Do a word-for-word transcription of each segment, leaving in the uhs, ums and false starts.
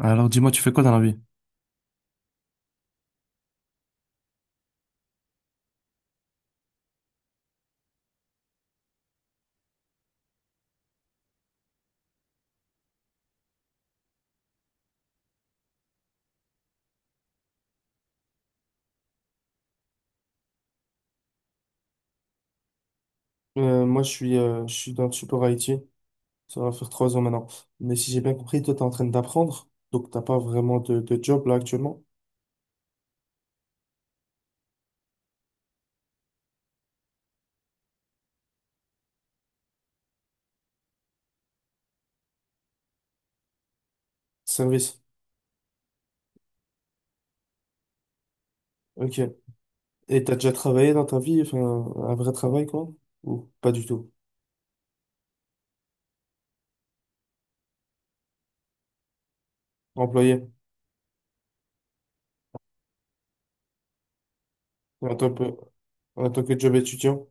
Alors dis-moi, tu fais quoi dans la vie? Euh, moi, je suis, euh, je suis dans le support I T. Ça va faire trois ans maintenant. Mais si j'ai bien compris, toi, t'es en train d'apprendre. Donc, t'as pas vraiment de, de job là actuellement. Service. Ok. Et t'as déjà travaillé dans ta vie, enfin, un vrai travail, quoi? Ou pas du tout? Employé. En tant que, en tant que job étudiant,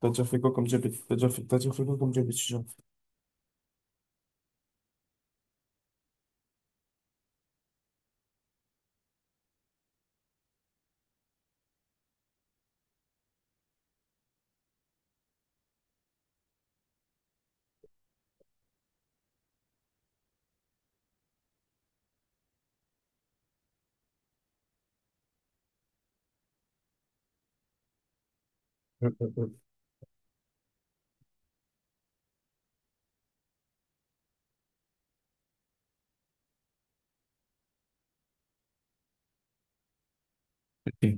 t'as déjà fait quoi comme job, étu- t'as déjà fait, t'as déjà fait quoi comme job étudiant? Euh, euh, euh,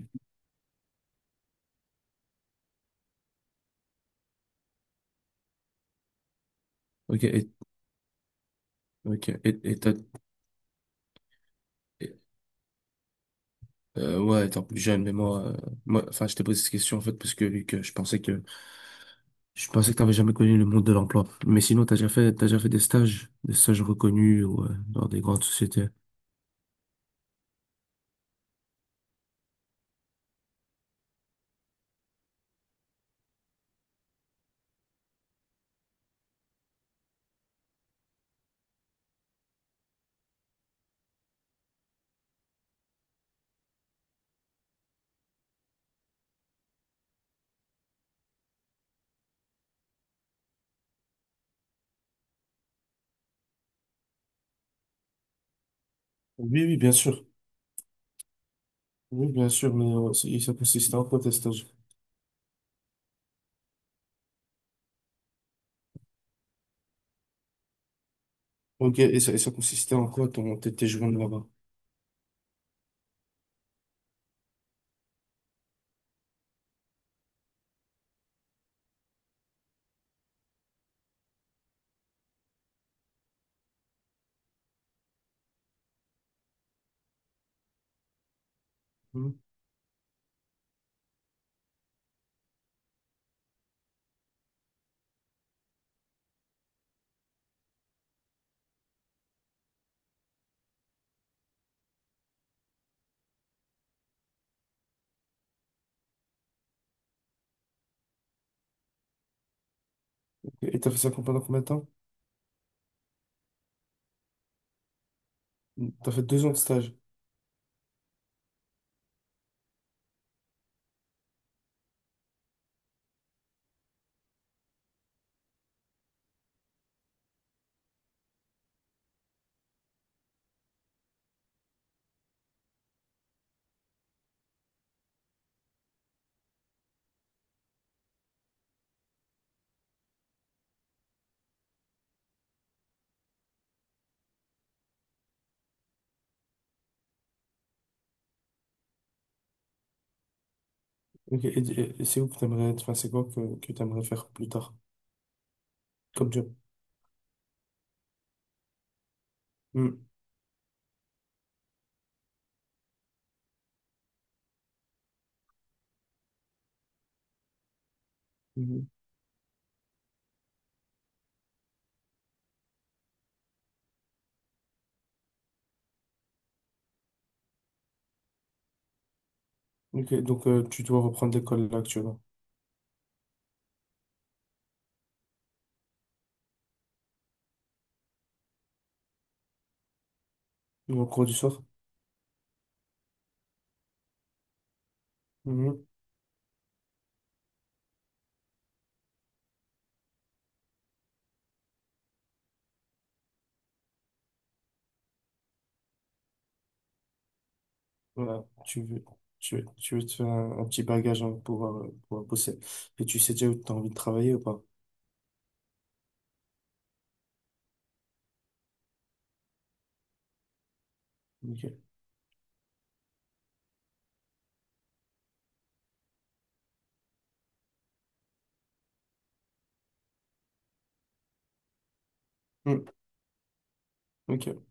Ok, ok, et, ok, et, et t'as- et, euh, ouais, étant plus jeune, mais moi, euh, moi, enfin, je t'ai posé cette question, en fait, parce que vu que je pensais que Je pensais que t'avais jamais connu le monde de l'emploi. Mais sinon, t'as déjà fait, t'as déjà fait des stages, des stages reconnus ou euh, dans des grandes sociétés. Oui, oui, bien sûr. Oui, bien sûr, mais euh, ça, et ça consistait en quoi tes stages? Ok, et ça, et ça consistait en quoi ton, tes, tes journées là-bas? Hmm. Ok, et t'as fait ça pendant combien de temps? T'as fait deux ans de stage. Ok, et, et- et c'est où que t'aimerais être? Enfin, c'est quoi que, que t'aimerais faire plus tard comme job? Hmm. Mhm. Ok, donc euh, tu dois reprendre l'école là actuellement. Ou au cours du soir? Hmm. Voilà, tu veux, tu, veux tu veux te faire un, un petit bagage hein, pour, euh, pour bosser. Et tu sais déjà où tu as envie de travailler ou pas? Ok. Hmm, ok.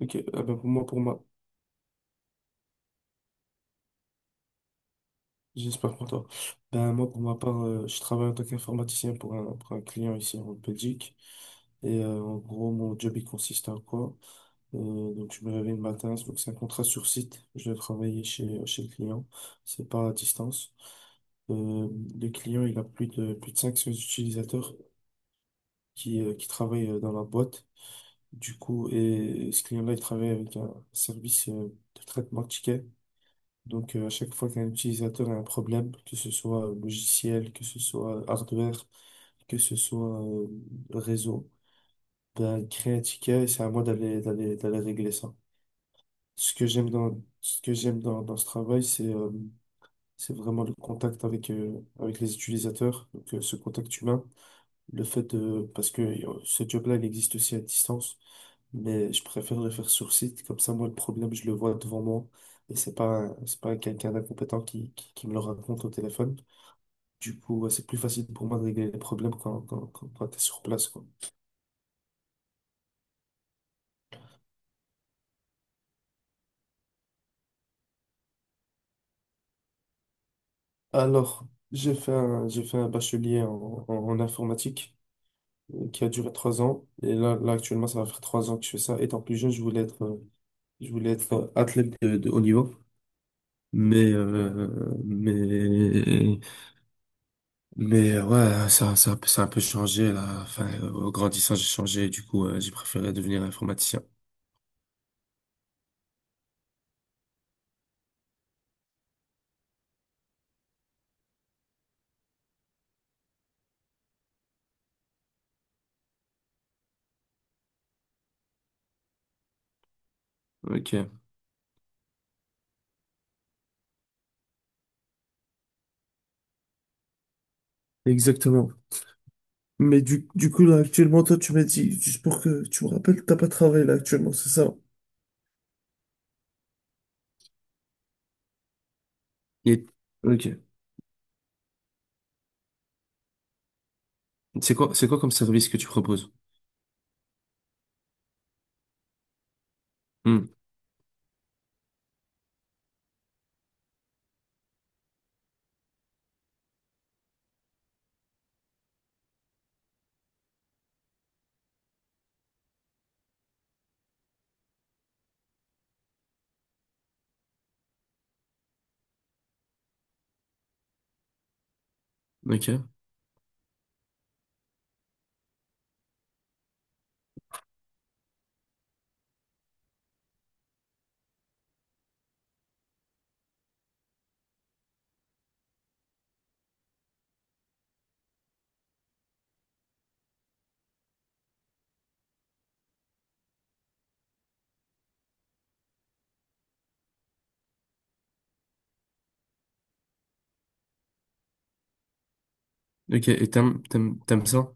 Ok. Ah ben pour moi, pour moi, j'espère pour toi. Ben moi, pour ma part, euh, je travaille en tant qu'informaticien pour un, pour un client ici en Belgique. Et euh, en gros, mon job, il consiste à quoi? Euh, donc, je me réveille le matin. Donc, c'est un contrat sur site. Je vais travailler chez, chez le client. C'est pas à distance. Euh, le client, il a plus de, plus de cinq cents utilisateurs qui, euh, qui travaille euh, dans la boîte. Du coup, et ce client-là, il travaille avec un service euh, de traitement de tickets. Donc, euh, à chaque fois qu'un utilisateur a un problème, que ce soit euh, logiciel, que ce soit euh, hardware, que ce soit euh, réseau, ben, il crée un ticket et c'est à moi d'aller, d'aller, d'aller régler ça. Ce que j'aime dans, ce que j'aime dans, dans ce travail, c'est euh, c'est vraiment le contact avec, euh, avec les utilisateurs, donc euh, ce contact humain. Le fait de, parce que euh, ce job-là, il existe aussi à distance. Mais je préférerais faire sur site. Comme ça, moi, le problème, je le vois devant moi. Et c'est pas, un- c'est pas quelqu'un d'incompétent qui, qui, qui me le raconte au téléphone. Du coup, ouais, c'est plus facile pour moi de régler les problèmes quand, quand, quand, quand t'es sur place, quoi. Alors, j'ai fait un, j'ai fait un bachelier en, en, en informatique euh, qui a duré trois ans. Et là, là, actuellement, ça va faire trois ans que je fais ça. Étant plus jeune, je voulais être, euh, je voulais être athlète de, de haut niveau. Mais, euh, mais Mais euh, ouais, ça, ça, ça a un peu changé là. Enfin, euh, au grandissant, j'ai changé. Du coup, euh, j'ai préféré devenir informaticien. Ok. Exactement. Mais du, du coup, là, actuellement, toi, tu m'as dit, juste pour que tu me rappelles, t'as pas travaillé là actuellement, c'est ça? Et... Ok. C'est quoi, c'est quoi comme service que tu proposes? Hmm. Ok. Ok. Et t'aimes, t'aimes, t'aimes ça?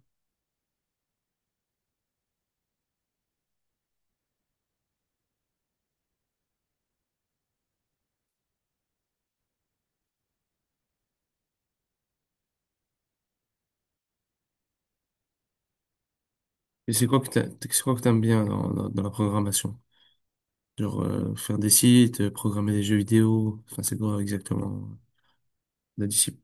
Et c'est quoi que t'a- c'est quoi que t'aimes bien dans, dans, dans la programmation? Genre euh, faire des sites, euh, programmer des jeux vidéo, enfin c'est quoi exactement la discipline?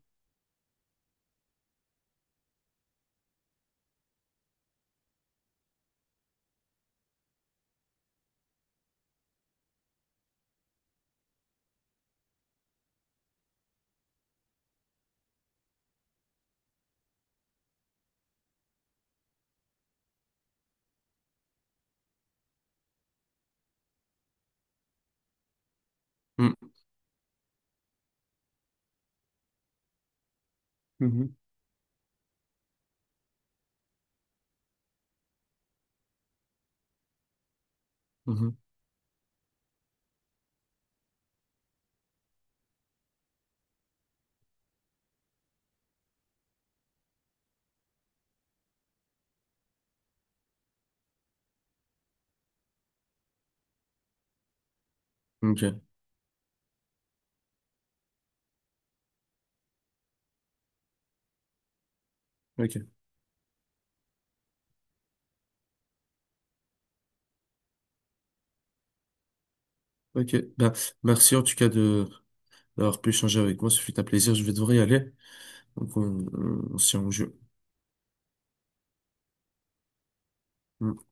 Mhm. Mhm. Ok, ok, ok. Ben, merci en tout cas de d'avoir pu échanger avec moi. Ce fut un plaisir. Je vais devoir y aller. Donc on, on, on se tient au jeu. Hmm.